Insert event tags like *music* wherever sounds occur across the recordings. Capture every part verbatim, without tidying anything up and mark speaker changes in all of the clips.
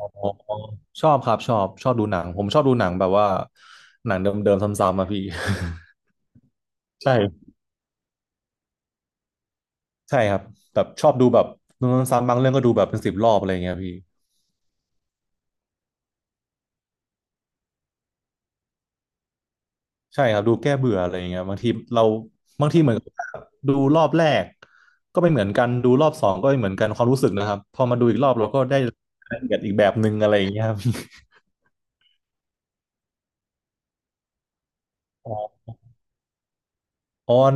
Speaker 1: อ๋อชอบครับชอบชอบดูหนังผมชอบดูหนังแบบว่าหนังเดิมๆซ้ำๆมาพี่ *laughs* ใช่ใช่ครับแบบชอบดูแบบดูซ้ำๆบางเรื่องก็ดูแบบเป็นสิบรอบอะไรเงี้ยพี่ใช่ครับดูแก้เบื่ออะไรเงี้ยบางทีเราบางทีเหมือนกับดูรอบแรกก็ไม่เหมือนกันดูรอบสองก็ไม่เหมือนกันความรู้สึกนะครับพอมาดูอีกรอบเราก็ได้รายละเอียดอีกแบบหนึ่งอะไรอย่างเงี้ยครับ *laughs* ออออน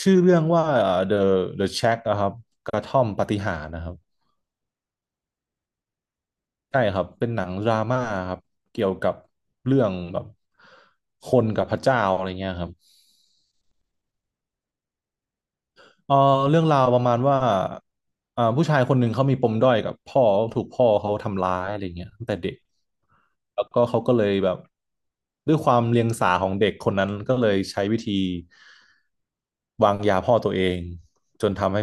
Speaker 1: ชื่อเรื่องว่า The The Shack นะครับกระท่อมปาฏิหาริย์นะครับ ใช่ครับ เป็นหนังดราม่าครับ เกี่ยวกับเรื่องแบบคนกับพระเจ้าอะไรเงี้ยครับ เออเรื่องราวประมาณว่าอ่าผู้ชายคนหนึ่งเขามีปมด้อยกับพ่อถูกพ่อเขาทำร้ายอะไรเงี้ยตั้งแต่เด็กแล้วก็เขาก็เลยแบบด้วยความเลียงสาของเด็กคนนั้นก็เลยใช้วิธีวางยาพ่อตัวเองจนทำให้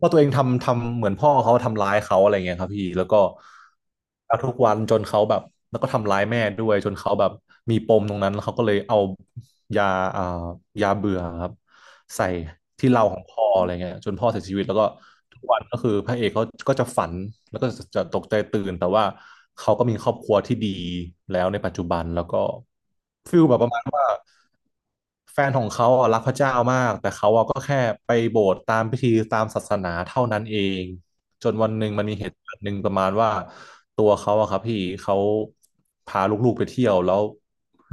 Speaker 1: พ่อตัวเองทำทำเหมือนพ่อเขาทำร้ายเขาอะไรเงี้ยครับพี่แล้วก็เอาทุกวันจนเขาแบบแล้วก็ทำร้ายแม่ด้วยจนเขาแบบมีปมตรงนั้นแล้วเขาก็เลยเอายาอ่ายาเบื่อครับ ใส่ที่เราของพ่ออะไรเงี้ยจนพ่อเสียชีวิตแล้วก็ ทุกวันก็คือพระเอกเขาก็จะฝันแล้วก็จะตกใจตื่นแต่ว่าเขาก็มีครอบครัวที่ดีแล้วในปัจจุบันแล้วก็ฟิลแบบประมาณว่าแฟนของเขาอะรักพระเจ้ามากแต่เขาอะก็แค่ไปโบสถ์ตามพิธีตามศาสนาเท่านั้นเองจนวันหนึ่งมันมีเหตุการณ์หนึ่งประมาณว่าตัวเขาอะครับพี่เขาพาลูกๆไปเที่ยวแล้ว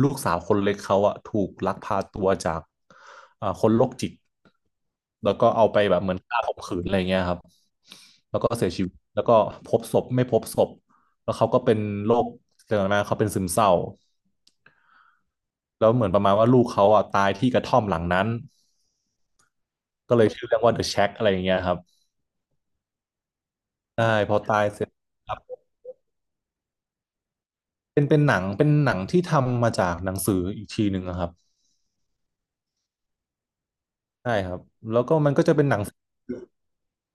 Speaker 1: ลูกสาวคนเล็กเขาอะถูกลักพาตัวจากอ่าคนโรคจิต แล้วก็เอาไปแบบเหมือนฆ่าข่มขืนอะไรเงี้ยครับแล้วก็เสียชีวิตแล้วก็พบศพไม่พบศพแล้วเขาก็เป็นโรคเร่องน้นะเขาเป็นซึมเศร้าแล้วเหมือนประมาณว่าลูกเขาอ่ะตายที่กระท่อมหลังนั้นก็เลยชื่อเรื่องว่า The Shack อะไรอย่างเงี้ยครับใช่พอตายเสร็จครับเป็นเป็นหนังเป็นหนังที่ทำมาจากหนังสืออีกทีหนึ่งนะครับใช่ครับแล้วก็มันก็จะเป็นหนังสือ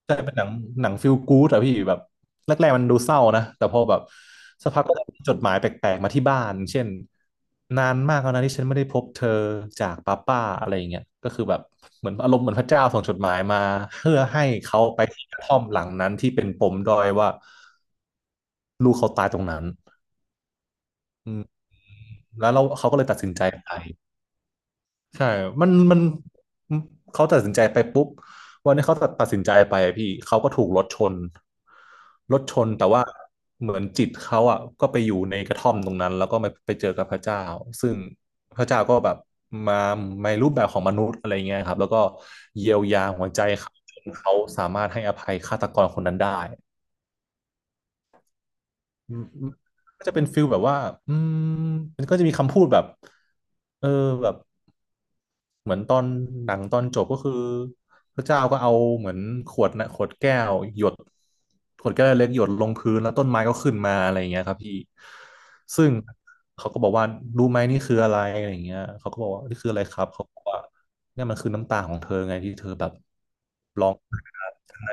Speaker 1: ใช่เป็นหนังหนังฟิลกู๊ดอะพี่แบบแรกๆมันดูเศร้านะแต่พอแบบสักพักก็จะมีจดหมายแปลกๆมาที่บ้านเช่นนานมากแล้วนะที่ฉันไม่ได้พบเธอจากป้าป้าอะไรอย่างเงี้ยก็คือแบบเหมือนอารมณ์เหมือนพระเจ้าส่งจดหมายมาเพื่อให้เขาไปที่กระท่อมหลังนั้นที่เป็นปมด้อยว่าลูกเขาตายตรงนั้นอืมแล้วเราเขาก็เลยตัดสินใจไป ใช่มันมัน เขาตัดสินใจไปปุ๊บวันนี้เขาตัดตัดสินใจไปอะพี่ เขาก็ถูกรถชนรถชนแต่ว่าเหมือนจิตเขาอ่ะก็ไปอยู่ในกระท่อมตรงนั้น แล้วก็ไปไปเจอกับพระเจ้าซึ่งพระเจ้าก็แบบมาในรูปแบบของมนุษย์อะไรเงี้ยครับ แล้วก็เยียวยาหัวใจเขาจนเขาสามารถให้อภัยฆาตกรคนนั้นได้อืมก็จะเป็นฟิลแบบว่าอืมมันก็จะมีคำพูดแบบเออแบบ เหมือนตอนหนังตอนจบก็คือพระเจ้าก็เอาเหมือนขวดนะขวดแก้วหยดขวดแก้วเล็กหยดลงพื้นแล้วต้นไม้ก็ขึ้นมาอะไรอย่างเงี้ยครับพี่ซึ่งเขาก็บอกว่ารู้ไหมนี่คืออะไรอะไรอย่างเงี้ยเขาก็บอกว่านี่คืออะไรครับเขาบอกว่าเนี่ยมันคือน้ำตาของเธอไงที่เธอแบบ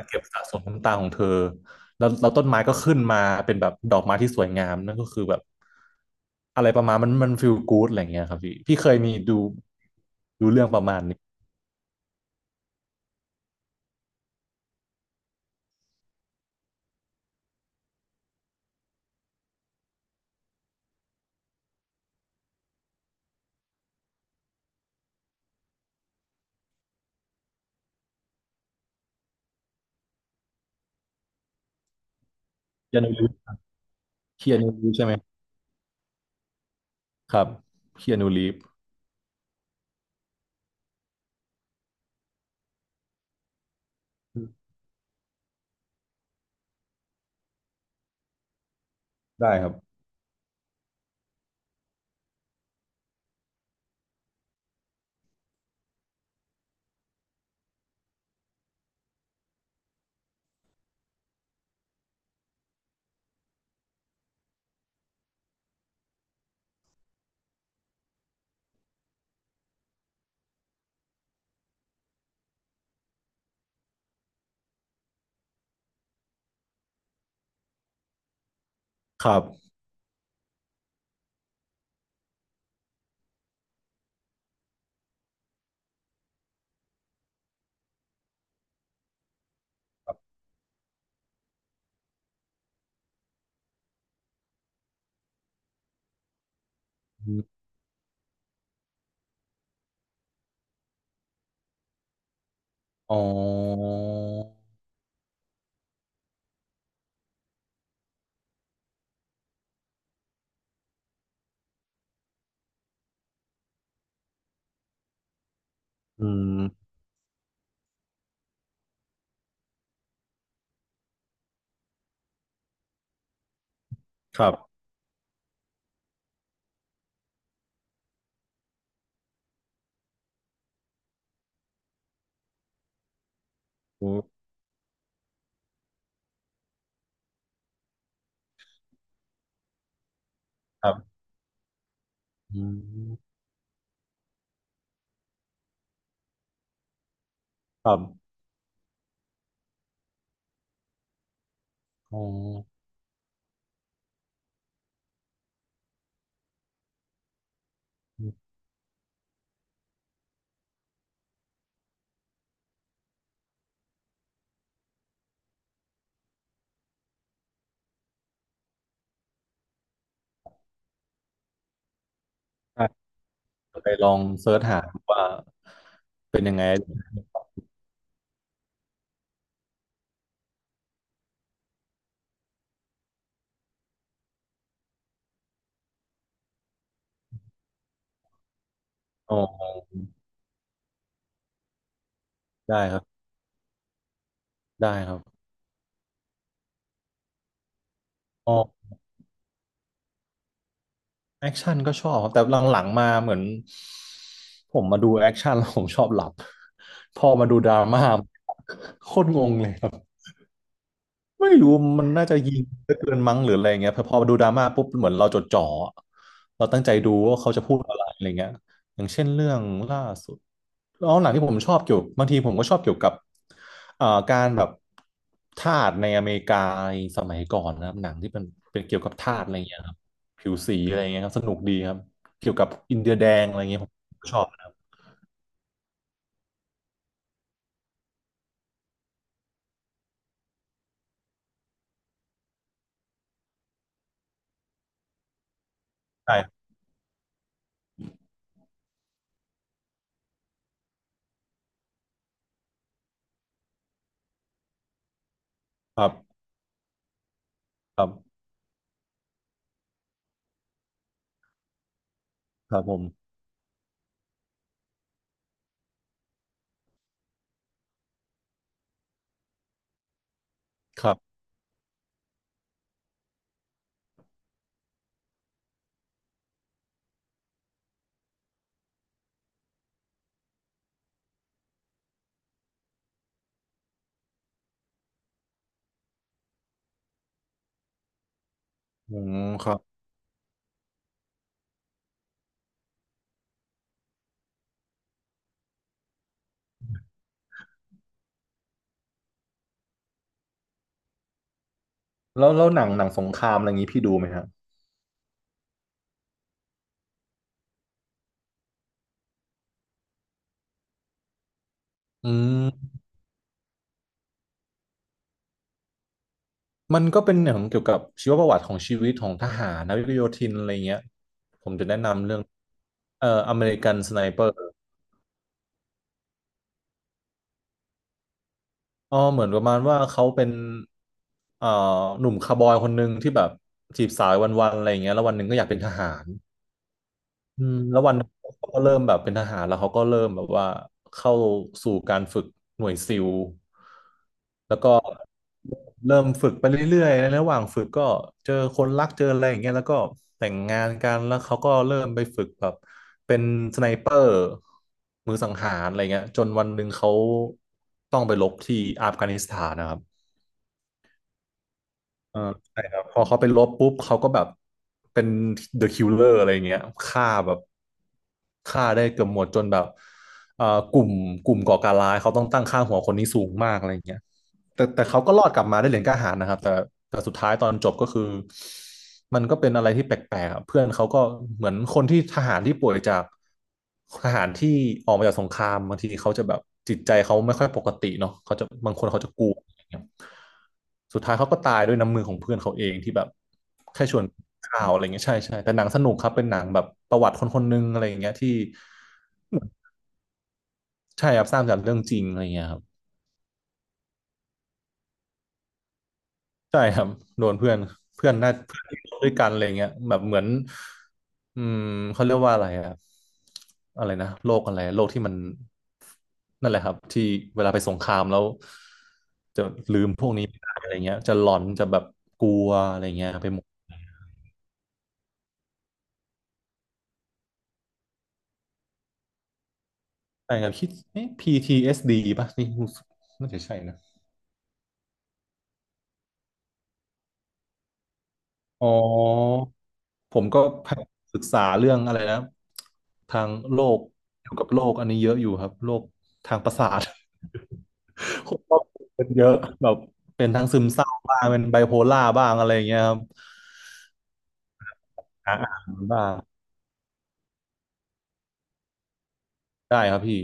Speaker 1: เก็บสะสมน้ำตาของเธอแล้วแล้วต้นไม้ก็ขึ้นมาเป็นแบบดอกไม้ที่สวยงามนั่นก็คือแบบอะไรประมาณมันมันฟีลกู๊ดอะไรอย่างเงี้ยครับพี่พี่เคยมีดูดูเรื่องประมาณนี้ยัู้ เคียนูรีฟใช่ไหมครับเคียนูรีฟได้ครับครับอืมอ๋ออืมครับโอ้ครับอืมครับอ๋อได้เดี๋ยวไปลองเซิร์ชหาดูว่าเป็นยังไงอ๋อได้ครับได้ครับอ๋อแอคชั่นก็ชอบครับแต่หลังๆมาเหมือนผมมาดูแอคชั่นแล้วผมชอบหลับพอมาดูดราม่าโคตรงงเลย ไม่รู้มันน่าจะยิงเหเกินมั้งหรืออะไรเงี้ยพอพอดูดราม่าปุ๊บเหมือนเราจดจ่อเราตั้งใจดูว่าเขาจะพูดอะไรอะไรเงี้ยอย่างเช่นเรื่องล่าสุดแล้วหนังที่ผมชอบเกี่ยวบางทีผมก็ชอบเกี่ยวกับอ่าการแบบทาสในอเมริกาสมัยก่อนนะครับหนังที่เป็นเป็นเกี่ยวกับทาสอะไรเงี้ยครับผิวสีอะไรเงี้ยครับสนุกดีครับเกี่ยวกับอินเดียแดงอะไรเงี้ยผมชอบนะใช่ครับครับครับผมครับอืมครับแล้วแล้วหนังหนังสงครามอะไรอย่างงี้พี่ดูไหมฮะ อืมมันก็เป็นอย่างเกี่ยวกับชีวประวัติของชีวิตของทหารนาวิกโยธินอะไรเงี้ยผมจะแนะนำเรื่องเอ่ออเมริกันสไนเปอร์อ๋อเหมือนประมาณว่าเขาเป็นเอ่อหนุ่มคาวบอยคนหนึ่งที่แบบจีบสาววันๆอะไรเงี้ยแล้ววันหนึ่งก็อยากเป็นทหาร อืมแล้ววันนั้นเขาก็เริ่มแบบเป็นทหารแล้วเขาก็เริ่มแบบว่าเข้าสู่การฝึกหน่วยซิลแล้วก็เริ่มฝึกไปเรื่อยๆในระหว่างฝึกก็เจอคนรักเจออะไรอย่างเงี้ยแล้วก็แต่งงานกันแล้วเขาก็เริ่มไปฝึกแบบเป็นสไนเปอร์มือสังหารอะไรเงี้ยจนวันหนึ่งเขาต้องไปรบที่อัฟกานิสถานนะครับ เออใช่ครับพอเขาไปลบปุ๊บเขาก็แบบเป็น The Killer อะไรเงี้ยฆ่าแบบฆ่าได้เกือบหมดจนแบบเอ่อกลุ่มกลุ่มก่อการร้ายเขาต้องตั้งค่าหัวคนนี้สูงมากอะไรเงี้ย แต่แต่เขาก็รอดกลับมาได้เหรียญกล้าหาญนะครับแต่แต่สุดท้ายตอนจบก็คือมันก็เป็นอะไรที่แปลกๆอะเพื่อนเขาก็เหมือนคนที่ทหารที่ป่วยจากทหารที่ออกมาจากสงครามบางทีเขาจะแบบจิตใจเขาไม่ค่อยปกติเนาะเขาจะบางคนเขาจะกลัวอะไรเงี้ยสุดท้ายเขาก็ตายด้วยน้ำมือของเพื่อนเขาเองที่แบบแค่ชวนข่าวอะไรเงี้ยใช่ใช่แต่หนังสนุกครับเป็นหนังแบบประวัติคนคนหนึงอะไรอย่างเงี้ยที่ใช่ครับสร้างจากเรื่องจริงอะไรเงี้ยครับ ใช่ครับโดนเพื่อนเพื่อนน่าเพื่อนที่โ่ด้วยกันอะไรเงี้ยแบบเหมือนอืมเขาเรียกว่าอะไรอะอะไรนะโรคอะไรโรคที่มันนั่นแหละครับที่เวลาไปสงครามแล้วจะลืมพวกนี้ไม่ได้อะไรเงี้ยจะหลอนจะแบบกลัวอะไรเงี้ยไปหมดใช่ครับคิดเอ๊ะ พี ที เอส ดี ป่ะนี่รู้สึกน่าจะใช่นะอ๋อผมก็ยศึกษาเรื่องอะไรนะทางโลกเกี่ยวกับโลกอันนี้เยอะอยู่ครับโลกทางประสาท คนรอบตัวเป็นเยอะแบบเป็นทั้งซึมเศร้าบ้างเป็นไบโพล่าบ้างอะไรอย่างเงี้ยครับหาอ่านบ้างได้ครับพี่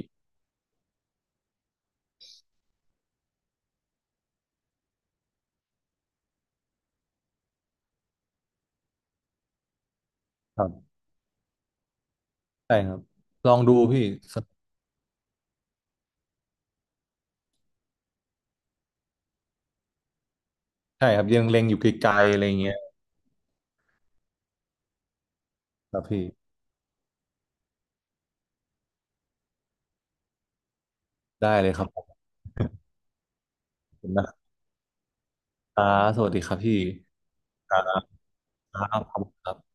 Speaker 1: ครับได้ครับลองดูพี่สใช่ครับยังเล็งอยู่ไกลๆอะไรอย่างเงี้ยครับพี่ได้เลยครับขอบคุณนะครับสวัสดีครับพี่ครับครับ